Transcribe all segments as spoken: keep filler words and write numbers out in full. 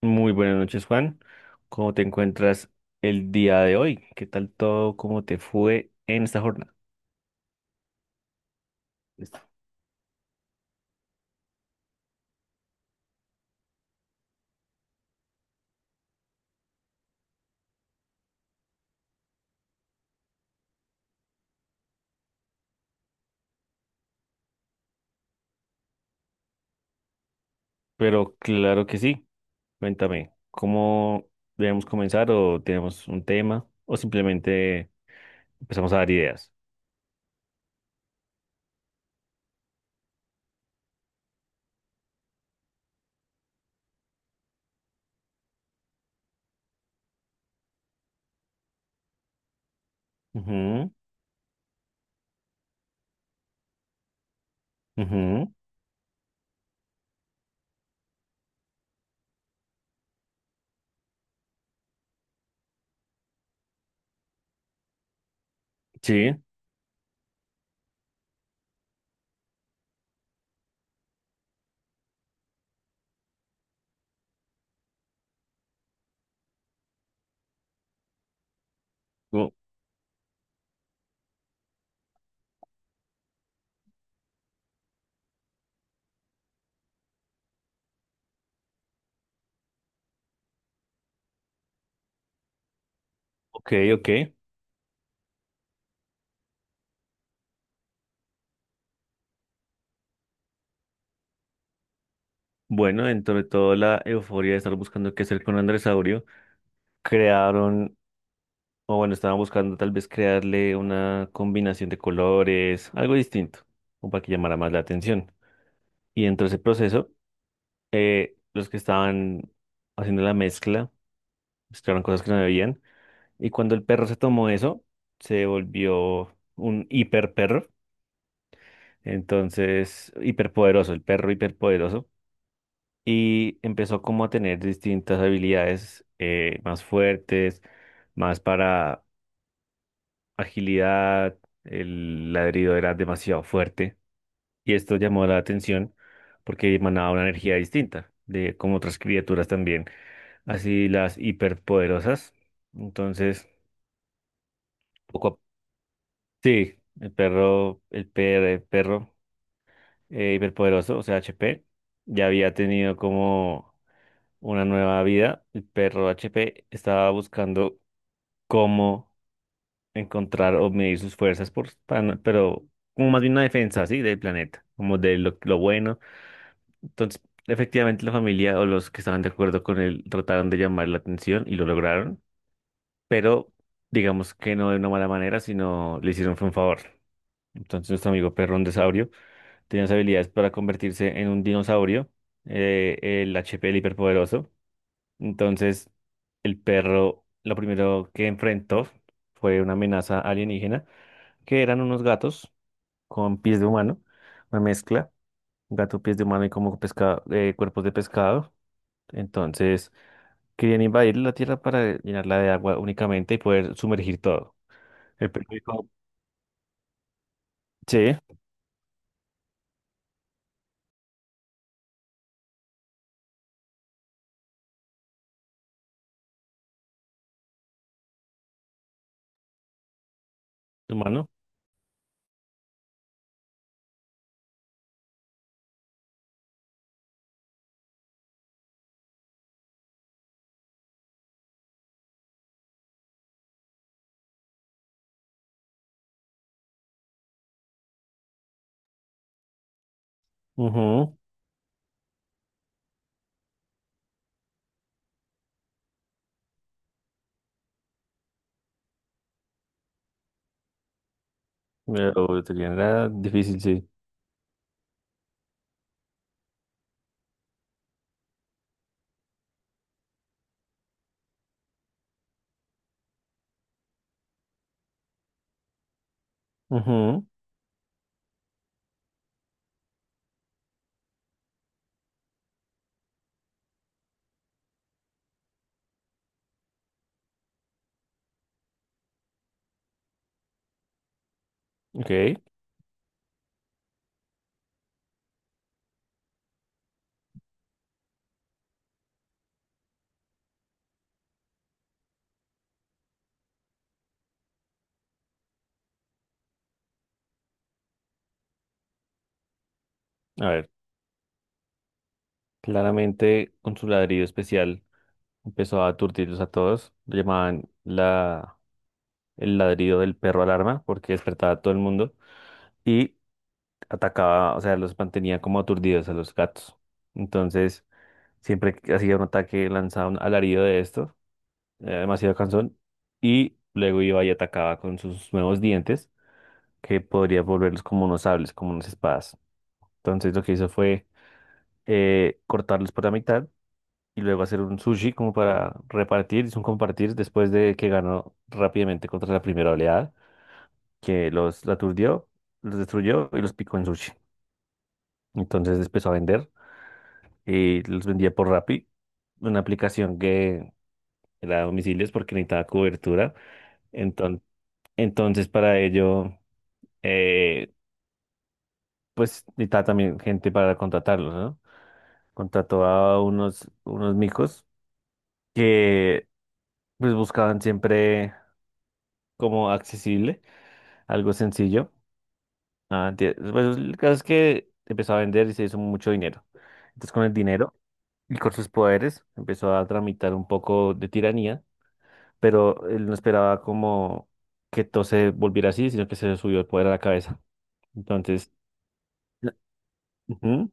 Muy buenas noches, Juan. ¿Cómo te encuentras el día de hoy? ¿Qué tal todo? ¿Cómo te fue en esta jornada? Listo. Pero claro que sí. Cuéntame, ¿cómo debemos comenzar o tenemos un tema o simplemente empezamos a dar ideas? Ujú. Ujú. Sí. o- ok, ok. Bueno, dentro de toda la euforia de estar buscando qué hacer con Andrés Aurio, crearon. O bueno, estaban buscando tal vez crearle una combinación de colores, algo distinto, o para que llamara más la atención. Y dentro de ese proceso, eh, los que estaban haciendo la mezcla, mezclaron cosas que no debían. Y cuando el perro se tomó eso, se volvió un hiper perro. Entonces, hiperpoderoso, el perro hiperpoderoso. Y empezó como a tener distintas habilidades eh, más fuertes, más para agilidad, el ladrido era demasiado fuerte y esto llamó la atención porque emanaba una energía distinta de como otras criaturas también, así las hiperpoderosas. Entonces, poco a- sí, el perro, el per el perro eh, hiperpoderoso, o sea, H P, ya había tenido como una nueva vida. El perro H P estaba buscando cómo encontrar o medir sus fuerzas, por, para no- pero como más bien una defensa, ¿sí? Del planeta, como de lo, lo bueno. Entonces, efectivamente la familia o los que estaban de acuerdo con él trataron de llamar la atención y lo lograron, pero digamos que no de una mala manera, sino le hicieron fue un favor. Entonces, nuestro amigo Perrón Saurio tenía las habilidades para convertirse en un dinosaurio, eh, el H P del hiperpoderoso. Entonces, el perro lo primero que enfrentó fue una amenaza alienígena que eran unos gatos con pies de humano, una mezcla, gato, pies de humano y como pescado, eh, cuerpos de pescado. Entonces, querían invadir la Tierra para llenarla de agua únicamente y poder sumergir todo. El perro dijo, sí, humano. Ujú. Pero sería era difícil, sí. Ujú. Ok. A ver, claramente con su ladrido especial empezó a aturdirlos a todos. Lo llamaban la, el ladrido del perro alarma porque despertaba a todo el mundo. Y atacaba, o sea, los mantenía como aturdidos a los gatos. Entonces, siempre que hacía un ataque, lanzaba un alarido de esto, eh, demasiado cansón, y luego iba y atacaba con sus nuevos dientes, que podría volverlos como unos sables, como unas espadas. Entonces, lo que hizo fue eh, cortarlos por la mitad y luego hacer un sushi como para repartir, hizo un compartir después de que ganó rápidamente contra la primera oleada, que los aturdió, los destruyó y los picó en sushi. Entonces empezó a vender y los vendía por Rappi, una aplicación que era a domicilios porque necesitaba cobertura. Enton- Entonces, para ello, eh, pues necesitaba también gente para contratarlos, ¿no? Contrató a unos, unos micos que pues buscaban siempre como accesible, algo sencillo. Ah, tie- pues, el caso es que empezó a vender y se hizo mucho dinero. Entonces, con el dinero y con sus poderes, empezó a tramitar un poco de tiranía, pero él no esperaba como que todo se volviera así, sino que se le subió el poder a la cabeza. Entonces, la- ujú.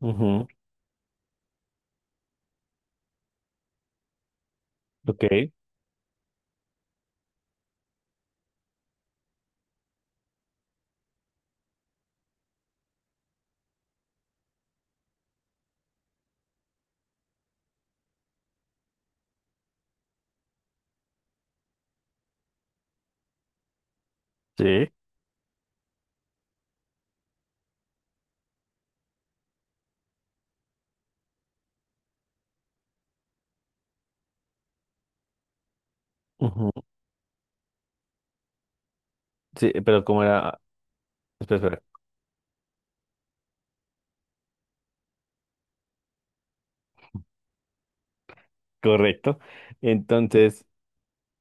Ujú. Ok. Sí. Ujú. Sí, pero como era, espera, espera, correcto. Entonces,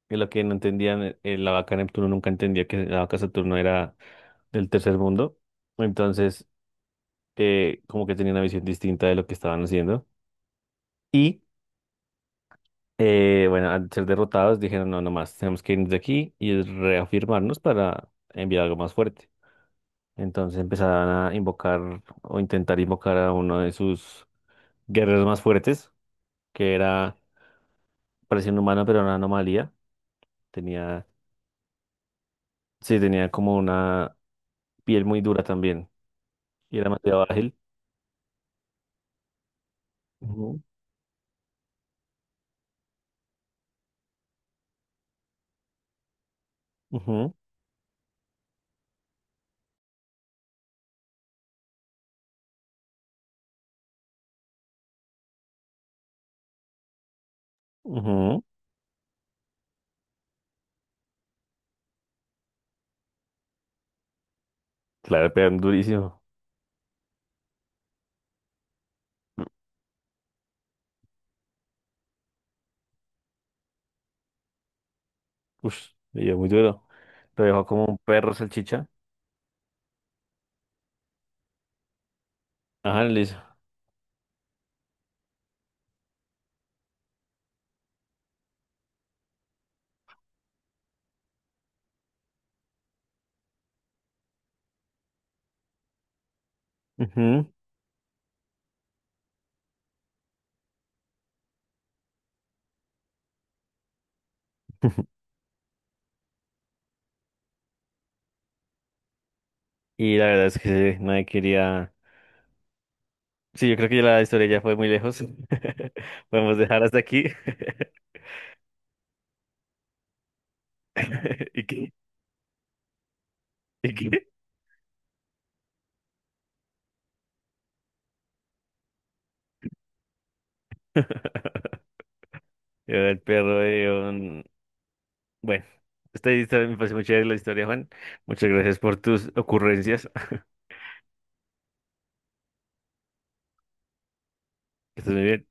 eh, lo que no entendían, eh, eh, la vaca Neptuno nunca entendía que la vaca Saturno era del tercer mundo. Entonces, eh, como que tenía una visión distinta de lo que estaban haciendo. Y Eh, bueno, al ser derrotados dijeron, no, no más, tenemos que irnos de aquí y reafirmarnos para enviar algo más fuerte. Entonces empezaron a invocar o intentar invocar a uno de sus guerreros más fuertes, que era, parecía un humano, pero era una anomalía. Tenía, sí, tenía como una piel muy dura también y era demasiado ágil. Ujú. Ujú. Ujú. Claro, pegan durísimo. Ush, le dio muy duro. Lo dejó como un perro salchicha. Ajá, le hizo. Ujú. Y la verdad es que sí, nadie quería. Sí, yo creo que ya la historia ya fue muy lejos. Podemos dejar hasta aquí. ¿Y qué? ¿Y qué? Era el perro de un. Bueno, esta historia me parece muy chévere la historia, Juan. Muchas gracias por tus ocurrencias. Que estés muy bien.